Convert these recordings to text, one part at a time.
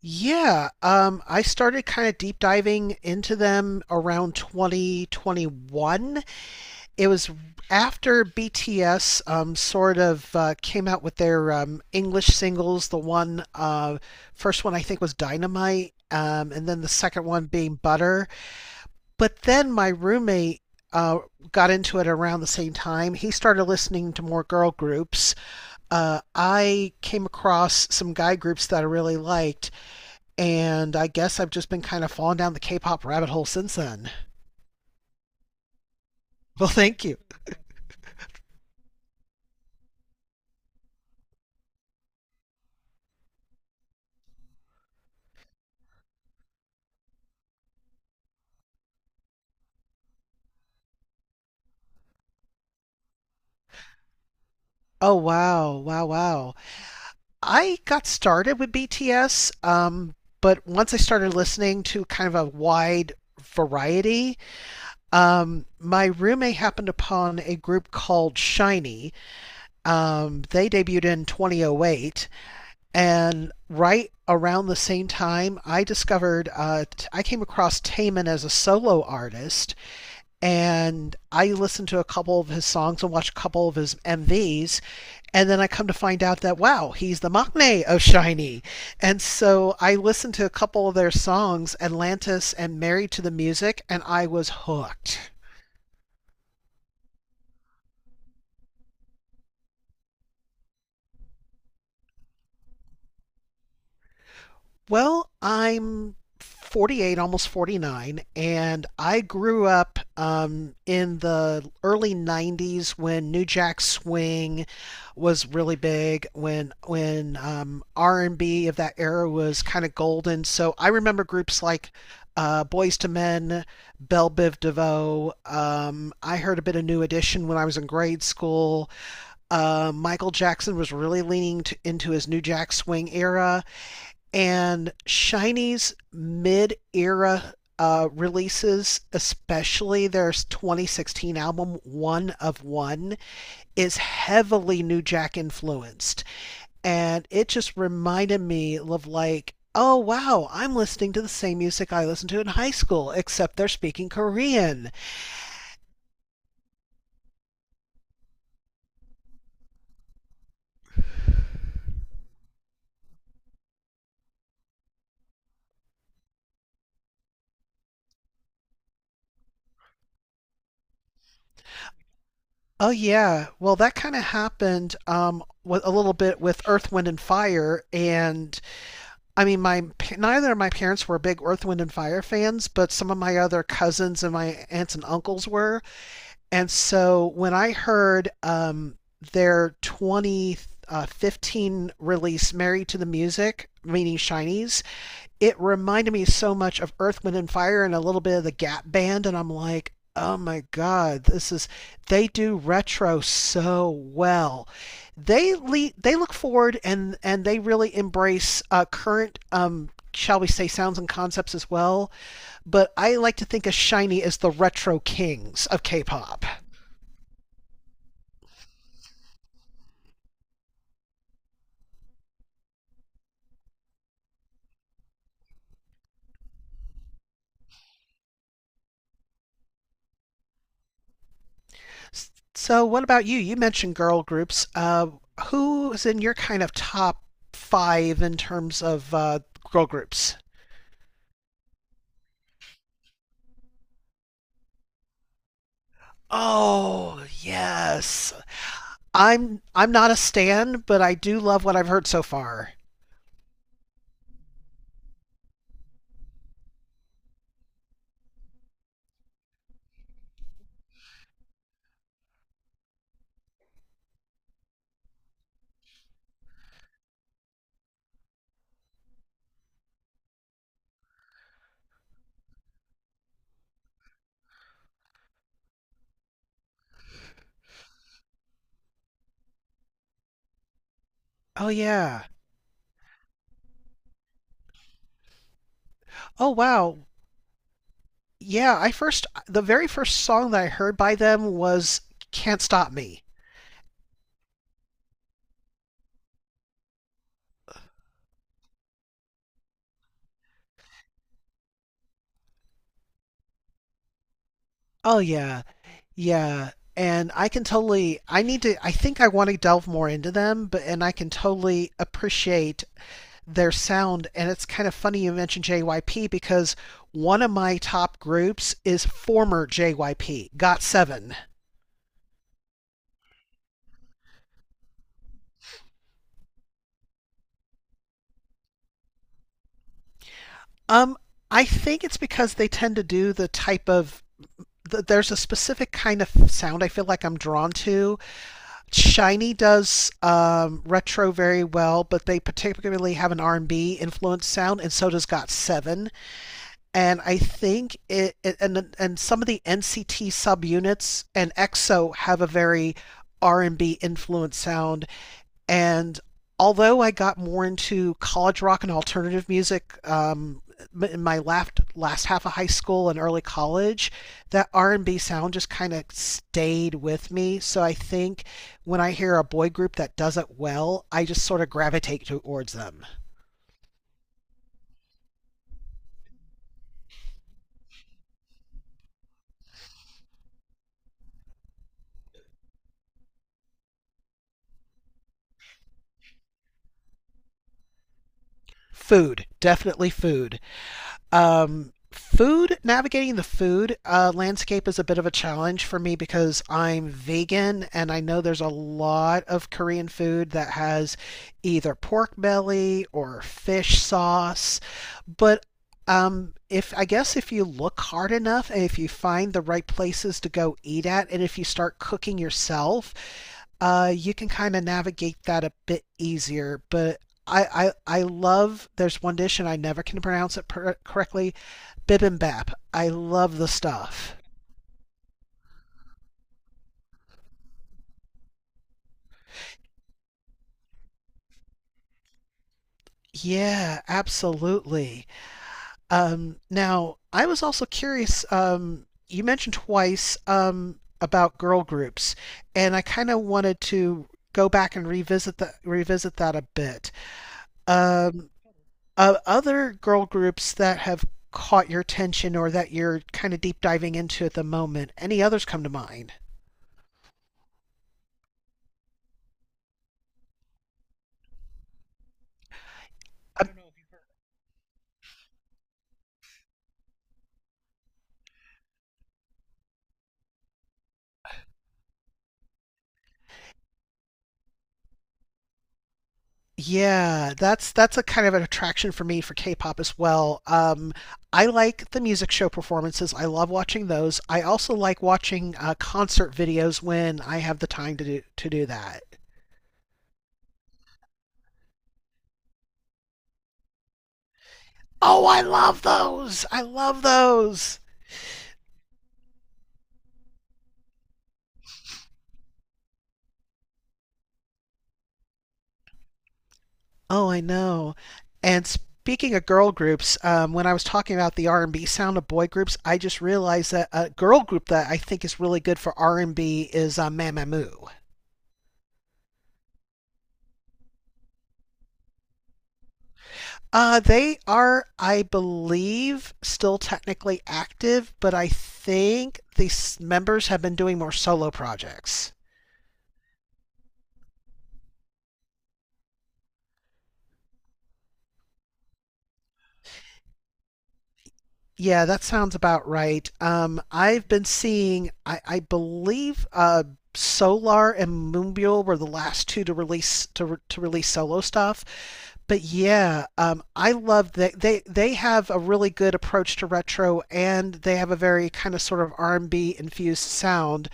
Yeah, I started kind of deep diving into them around 2021. It was after BTS sort of came out with their English singles. The first one I think was Dynamite, and then the second one being Butter. But then my roommate uh, got into it around the same time. He started listening to more girl groups. I came across some guy groups that I really liked and I guess I've just been kind of falling down the K pop rabbit hole since then. Well, thank you. Oh, wow. Wow, wow. I got started with BTS, but once I started listening to kind of a wide variety, my roommate happened upon a group called Shinee. They debuted in 2008, and right around the same time, I discovered I came across Taman as a solo artist and I listened to a couple of his songs and watched a couple of his MVs. And then I come to find out that, wow, he's the Machne of Shiny. And so I listened to a couple of their songs, Atlantis and Married to the Music, and I was hooked. Well, I'm 48, almost 49, and I grew up in the early 90s when New Jack Swing was really big, when R&B of that era was kind of golden. So I remember groups like Boys to Men, Belle Biv DeVoe. I heard a bit of New Edition when I was in grade school. Michael Jackson was really into his New Jack Swing era and Shiny's mid era releases, especially their 2016 album One of One, is heavily New Jack influenced. And it just reminded me of like, oh wow, I'm listening to the same music I listened to in high school, except they're speaking Korean. Oh yeah, well that kind of happened a little bit with Earth, Wind, and Fire, and I mean, my neither of my parents were big Earth, Wind, and Fire fans, but some of my other cousins and my aunts and uncles were. And so when I heard their 2015 release, Married to the Music, meaning Shinies, it reminded me so much of Earth, Wind, and Fire and a little bit of the Gap Band. And I'm like, oh my God, this is, they do retro so well. They look forward and they really embrace current, shall we say, sounds and concepts as well. But I like to think of Shiny as the retro kings of K pop. So, what about you? You mentioned girl groups. Who's in your kind of top five in terms of girl groups? Oh, yes. I'm not a stan, but I do love what I've heard so far. Oh yeah. Oh wow. Yeah, I first the very first song that I heard by them was Can't Stop Me. Oh yeah. Yeah. And I think I want to delve more into them, but and I can totally appreciate their sound and it's kind of funny you mentioned JYP because one of my top groups is former JYP, Got7. Um, I think it's because they tend to do there's a specific kind of sound I feel like I'm drawn to. Shiny does retro very well, but they particularly have an R&B influenced sound, and so does Got7. And I think it and some of the NCT subunits and EXO have a very R&B influenced sound and although I got more into college rock and alternative music in my last half of high school and early college, that R&B sound just kind of stayed with me. So I think when I hear a boy group that does it well, I just sort of gravitate towards them. Food, definitely food. Navigating the food landscape is a bit of a challenge for me because I'm vegan and I know there's a lot of Korean food that has either pork belly or fish sauce but if I guess if you look hard enough and if you find the right places to go eat at and if you start cooking yourself, you can kind of navigate that a bit easier. But I love. There's one dish, and I never can pronounce it correctly. Bibimbap. I love the stuff. Yeah, absolutely. Now I was also curious. You mentioned twice about girl groups, and I kind of wanted to go back and revisit that a bit. Um, Other girl groups that have caught your attention or that you're kind of deep diving into at the moment. Any others come to mind? Yeah, that's a kind of an attraction for me for K-pop as well. I like the music show performances. I love watching those. I also like watching concert videos when I have the time to do that. Oh, I love those. I love those. Oh, I know. And speaking of girl groups, when I was talking about the R&B sound of boy groups, I just realized that a girl group that I think is really good for R&B is Mamamoo. They are, I believe, still technically active, but I think the members have been doing more solo projects. Yeah, that sounds about right. I've been seeing, I believe, Solar and Moonbull were the last two to release to release solo stuff. But yeah, I love that they have a really good approach to retro, and they have a very kind of sort of R&B infused sound.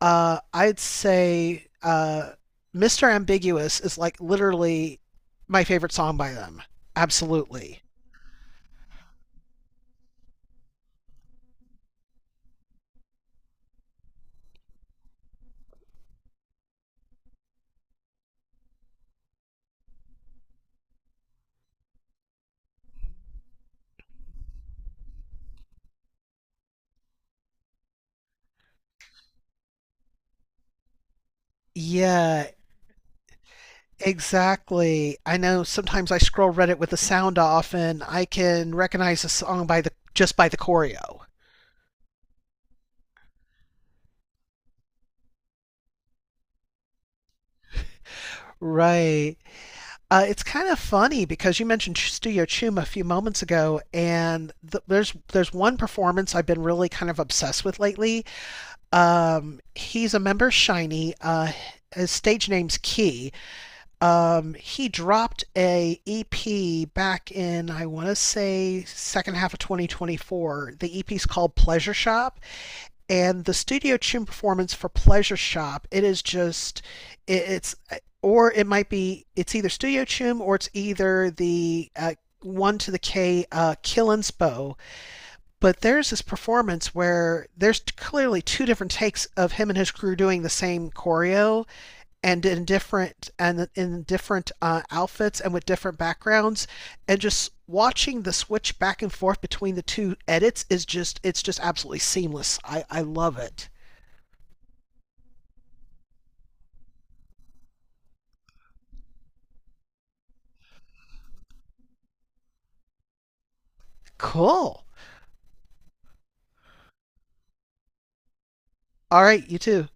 I'd say Mr. Ambiguous is like literally my favorite song by them. Absolutely. Yeah, exactly. I know sometimes I scroll Reddit with the sound off and I can recognize a song by the just by the choreo. Right. It's kind of funny because you mentioned Studio Chum a few moments ago, and there's one performance I've been really kind of obsessed with lately. He's a member of Shiny. His stage name's Key. He dropped a EP back in I want to say second half of 2024. The EP's called Pleasure Shop, and the studio tune performance for Pleasure Shop. It is just it, it's or it might be it's either studio tune or it's either the one to the K Killin's Bow, but there's this performance where there's clearly two different takes of him and his crew doing the same choreo and in different outfits and with different backgrounds, and just watching the switch back and forth between the two edits is just it's just absolutely seamless. I love it. Cool. All right, you too.